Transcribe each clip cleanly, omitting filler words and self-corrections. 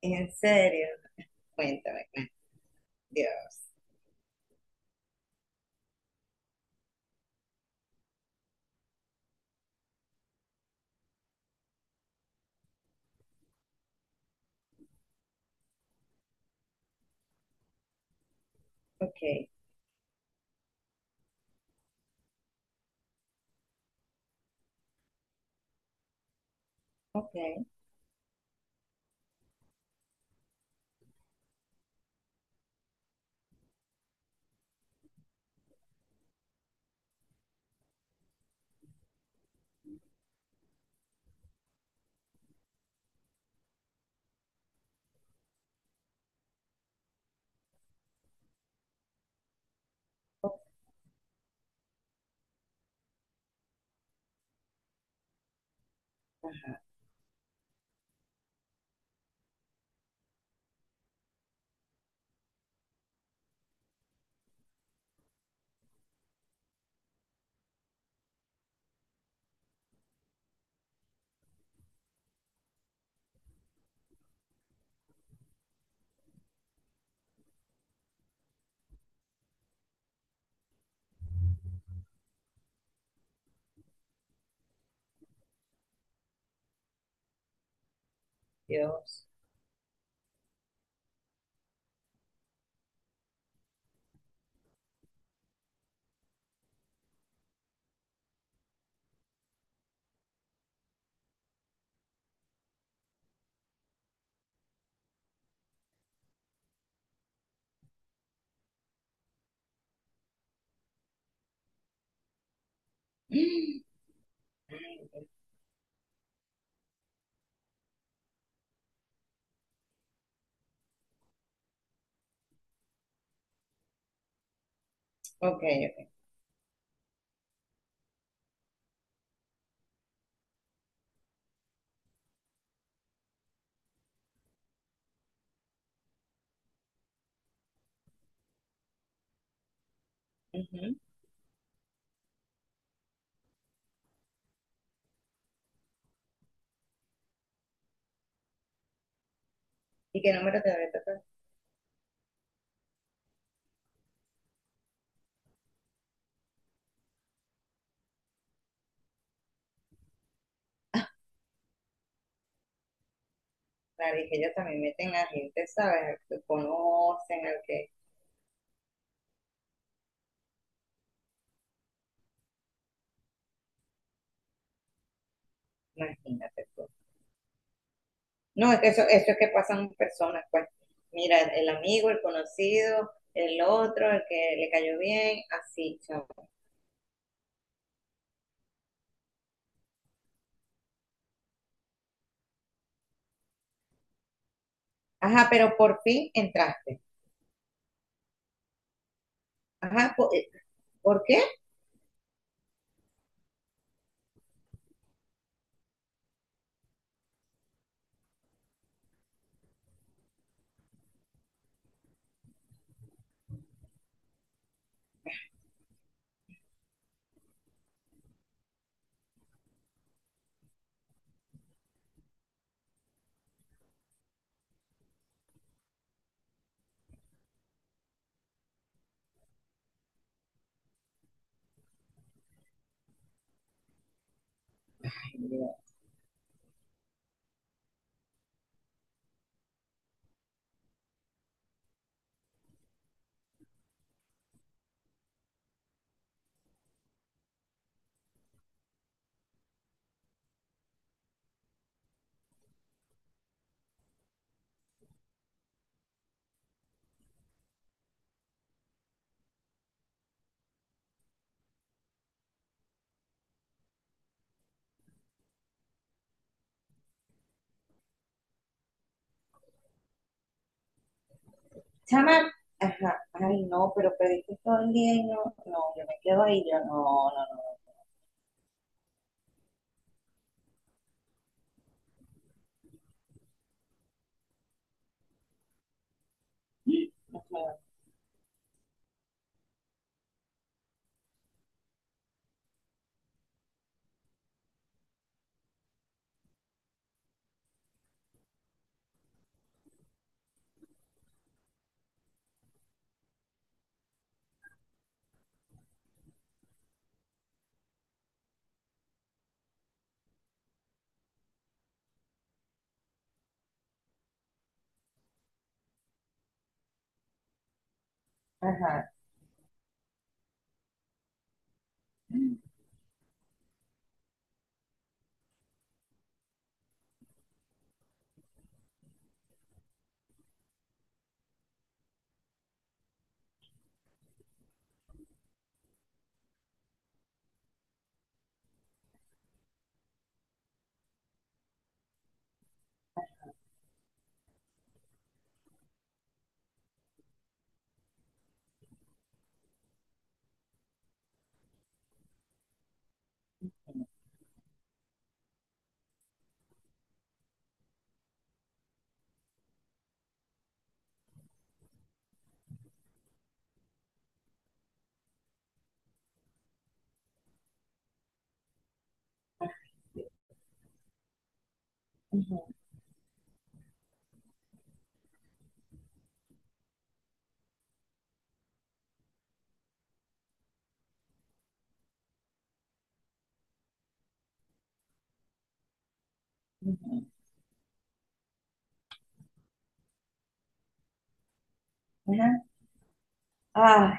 En serio, cuéntame. Dios. Ok, ok, oh, Dios. Mm. Ay, ok, ujú. ¿Y qué número te voy a tocar? Claro, y que ellos también meten a gente, ¿sabes? Al que conocen, al que... Imagínate tú. No, es que eso es que pasan personas, pues. Mira, el amigo, el conocido, el otro, el que le cayó bien, así, chao. Ajá, pero por fin entraste. Ajá, ¿por qué? Chama, ajá, ay no, pero pediste todo el día y no, no, yo me quedo ahí, yo no, no, no, no, puedo. Ajá, ujú, ujú, ajá, ah,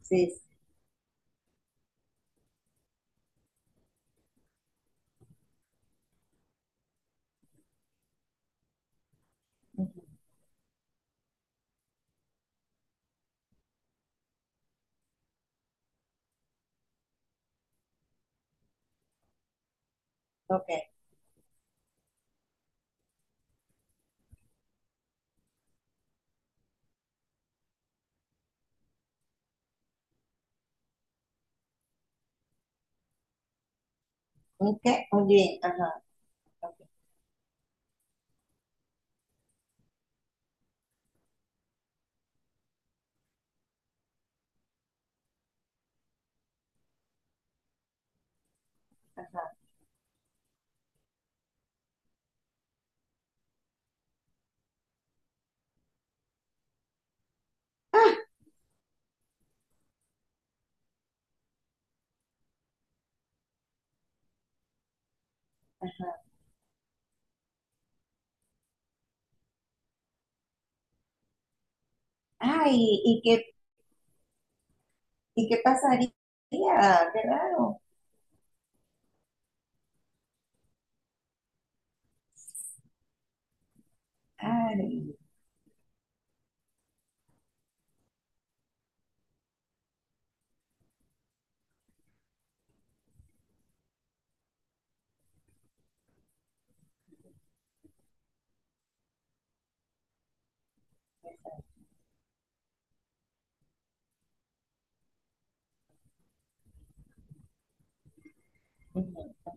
sí, sí, ujú, ok, un qué, un bien, ajá, ok, ajá, ah, ay, ¿y y qué pasaría? Qué raro, ay, ujú,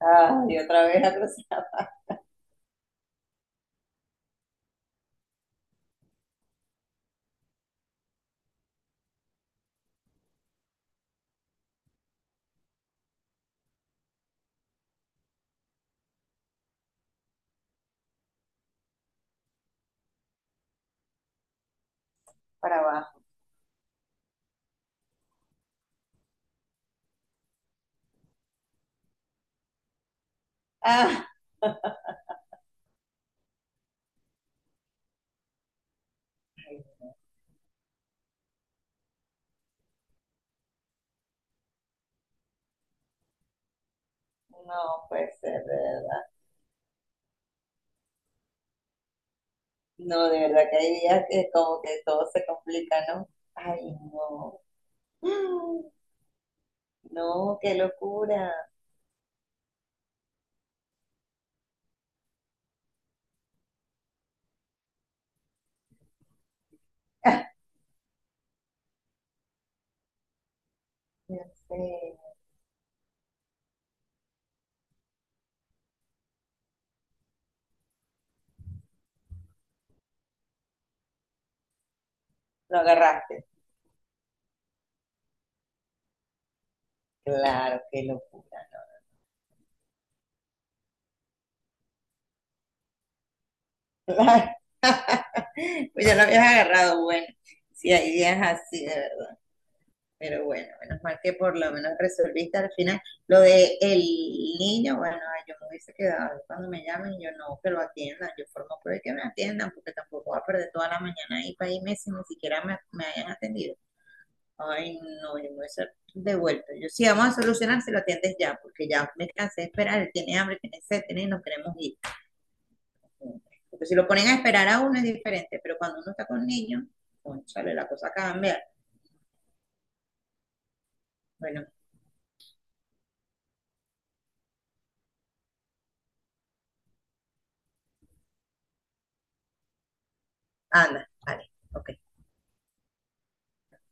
ay, otra vez atrás para abajo, ah, ay, no puede ser, de verdad. No, de verdad que hay días que como que todo se complica, ¿no? Ay, no. No, qué locura. Ya sé. Lo agarraste. Claro, qué locura, ¿no? Claro. Pues ya lo habías agarrado, bueno. Sí, hay días así, de verdad. Pero bueno, menos mal que por lo menos resolviste al final. Lo de el niño, bueno, ay, yo me hubiese quedado cuando me llamen, yo no, que lo atiendan, yo formo por el que me atiendan, porque tampoco voy a perder toda la mañana ahí para irme si ni siquiera me hayan atendido. Ay, no, yo me hubiese devuelto. Yo sí, vamos a solucionar si lo atiendes ya, porque ya me cansé de esperar, él tiene hambre, tiene sed, tiene y nos queremos ir. Porque si lo ponen a esperar a uno es diferente, pero cuando uno está con niños, sale la cosa cambia. Bueno, anda, vale, ok.